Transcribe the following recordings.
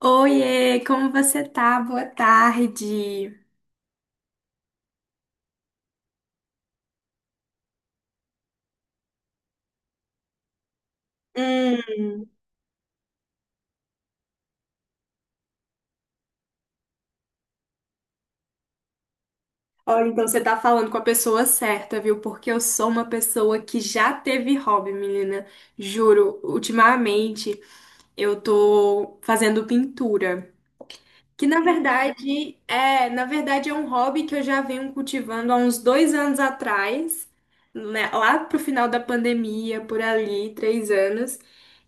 Oiê, como você tá? Boa tarde. Hum, olha, então você tá falando com a pessoa certa, viu? Porque eu sou uma pessoa que já teve hobby, menina. Juro, ultimamente eu tô fazendo pintura, que na verdade é um hobby que eu já venho cultivando há uns 2 anos atrás, né? Lá pro final da pandemia, por ali, 3 anos.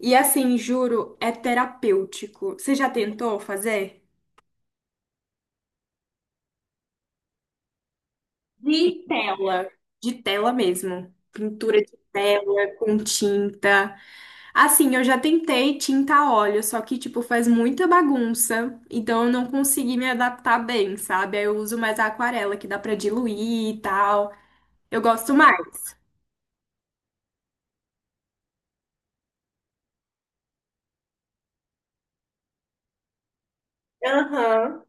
E assim, juro, é terapêutico. Você já tentou fazer? De tela, de tela mesmo. Pintura de tela com tinta. Assim, eu já tentei tinta a óleo, só que, tipo, faz muita bagunça. Então eu não consegui me adaptar bem, sabe? Aí eu uso mais a aquarela, que dá pra diluir e tal. Eu gosto mais. Aham.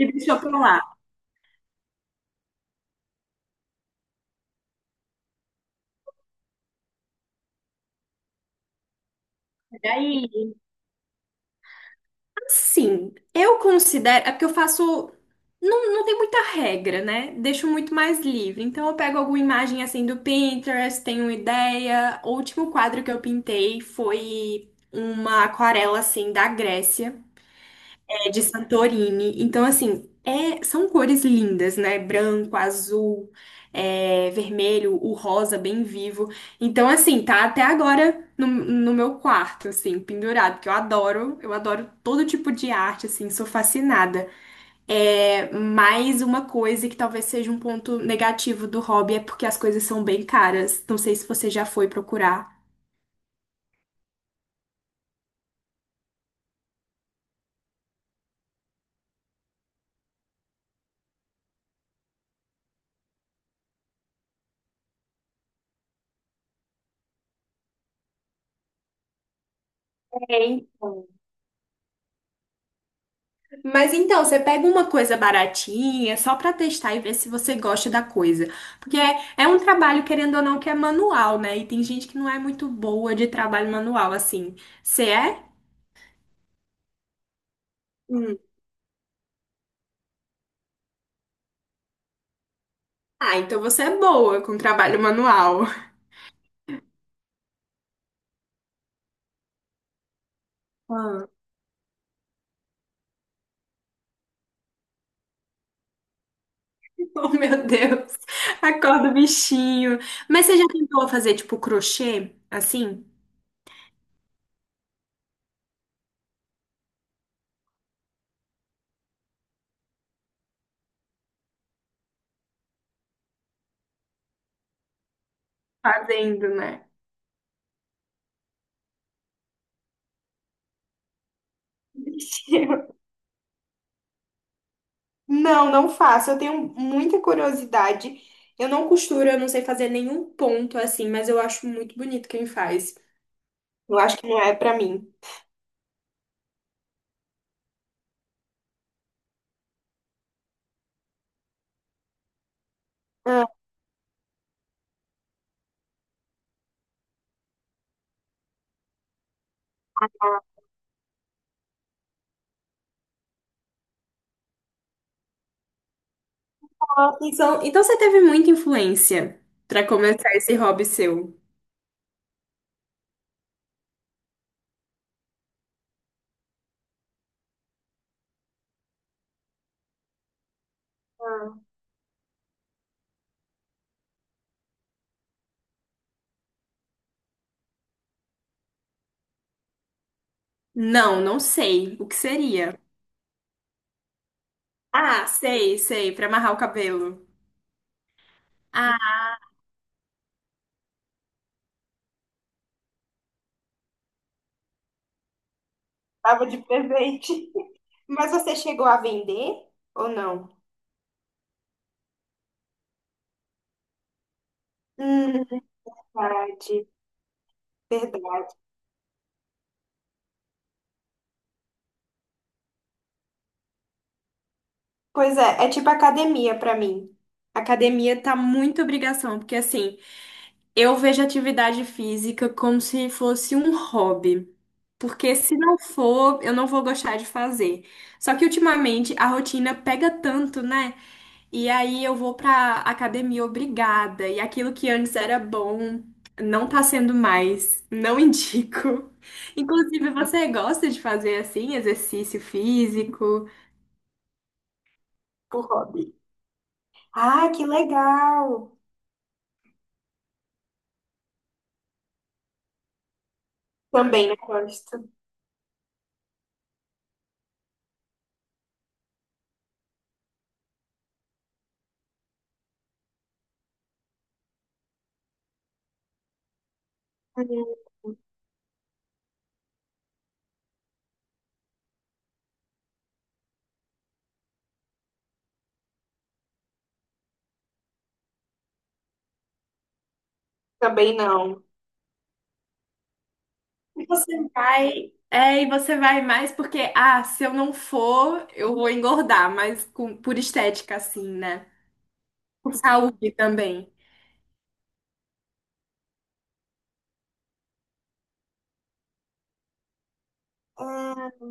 E deixa eu falar. Sim, eu considero. É porque eu faço. Não, não tem muita regra, né? Deixo muito mais livre. Então eu pego alguma imagem assim do Pinterest, tenho uma ideia. O último quadro que eu pintei foi uma aquarela assim da Grécia, é de Santorini. Então, assim, são cores lindas, né? Branco, azul, é, vermelho, o rosa bem vivo. Então, assim, tá até agora no meu quarto, assim, pendurado, que eu adoro todo tipo de arte, assim, sou fascinada. É, mais uma coisa que talvez seja um ponto negativo do hobby é porque as coisas são bem caras. Não sei se você já foi procurar. É, então. Mas então, você pega uma coisa baratinha, só pra testar e ver se você gosta da coisa. Porque é, é um trabalho, querendo ou não, que é manual, né? E tem gente que não é muito boa de trabalho manual, assim. Você é? Hum. Ah, então você é boa com trabalho manual. Ah. Oh, meu Deus. Acorda o bichinho. Mas você já tentou fazer, tipo, crochê? Assim? Fazendo, né? Não, não faço. Eu tenho muita curiosidade. Eu não costuro, eu não sei fazer nenhum ponto assim, mas eu acho muito bonito quem faz. Eu acho que não é pra mim. Ah, Ah, então você teve muita influência pra começar esse hobby seu? Não, não sei. O que seria? Ah, sei, sei, pra amarrar o cabelo. Ah, tava de presente. mas você chegou a vender ou não? Hum, verdade, verdade. Pois é, é tipo academia pra mim. Academia tá muito obrigação, porque assim, eu vejo atividade física como se fosse um hobby. Porque se não for, eu não vou gostar de fazer. Só que ultimamente a rotina pega tanto, né? E aí eu vou pra academia obrigada. E aquilo que antes era bom não tá sendo mais. Não indico. Inclusive, você gosta de fazer assim, exercício físico? Por hobby. Ah, que legal! Também não gosto. Também não. E você vai, é, e você vai mais porque, ah, se eu não for, eu vou engordar, mas por estética, assim, né? Por saúde também. Hum,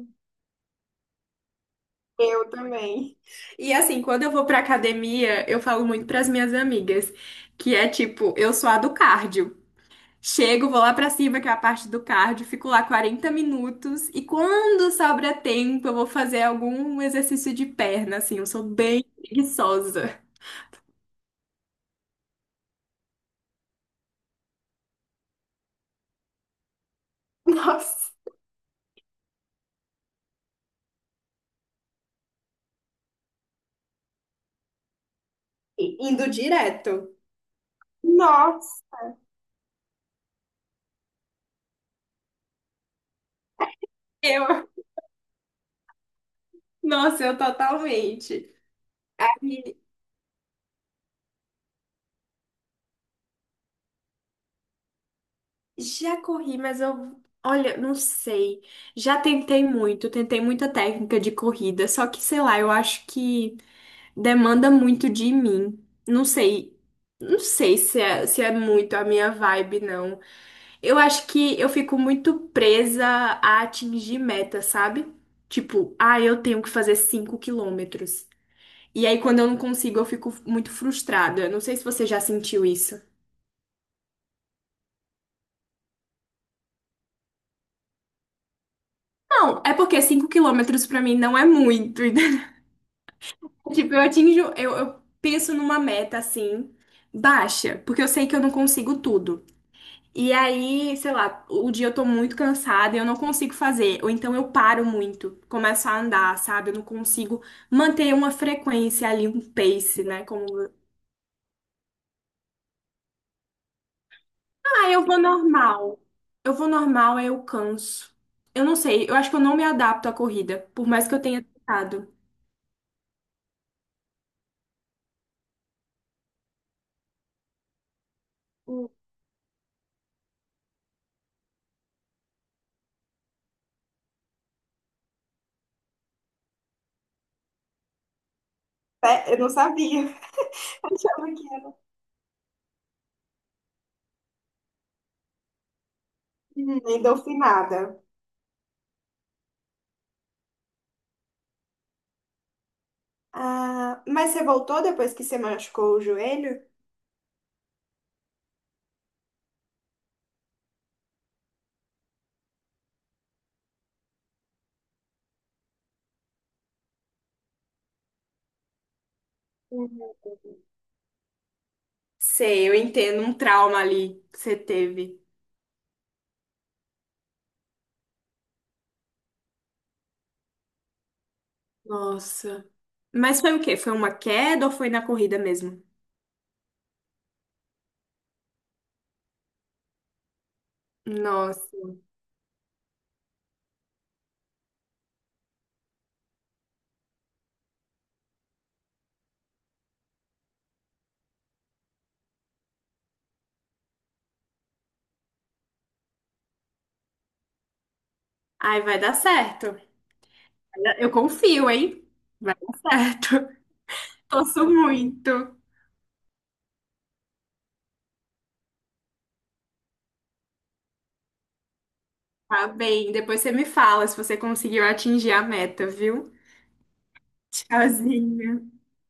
eu também. E assim, quando eu vou pra academia, eu falo muito pras minhas amigas, que é tipo, eu sou a do cardio. Chego, vou lá pra cima, que é a parte do cardio, fico lá 40 minutos e quando sobra tempo, eu vou fazer algum exercício de perna, assim, eu sou bem preguiçosa. Nossa, indo direto. nossa, eu, nossa, eu totalmente. E já corri, mas eu, olha, não sei. Já tentei muito, tentei muita técnica de corrida, só que, sei lá, eu acho que demanda muito de mim. Não sei, não sei se é muito a minha vibe, não. Eu acho que eu fico muito presa a atingir meta, sabe? Tipo, ah, eu tenho que fazer 5 quilômetros. E aí, quando eu não consigo, eu fico muito frustrada. Eu não sei se você já sentiu isso. Não, é porque 5 quilômetros pra mim não é muito. Entendeu? Tipo, eu atinjo, eu penso numa meta assim, baixa, porque eu sei que eu não consigo tudo. E aí, sei lá, o dia eu tô muito cansada e eu não consigo fazer. Ou então eu paro muito, começo a andar, sabe? Eu não consigo manter uma frequência ali, um pace, né? Como? Ah, eu vou normal. Eu vou normal, aí eu canso. Eu não sei, eu acho que eu não me adapto à corrida, por mais que eu tenha tentado. É, eu não sabia. Achava que era endorfinada. Ah, mas você voltou depois que você machucou o joelho? Uhum. Sei, eu entendo um trauma ali que você teve. Nossa. Mas foi o quê? Foi uma queda ou foi na corrida mesmo? Nossa. Ai, vai dar certo. Eu confio, hein? Vai dar certo. Torço muito. Tá bem, depois você me fala se você conseguiu atingir a meta, viu? Tchauzinho.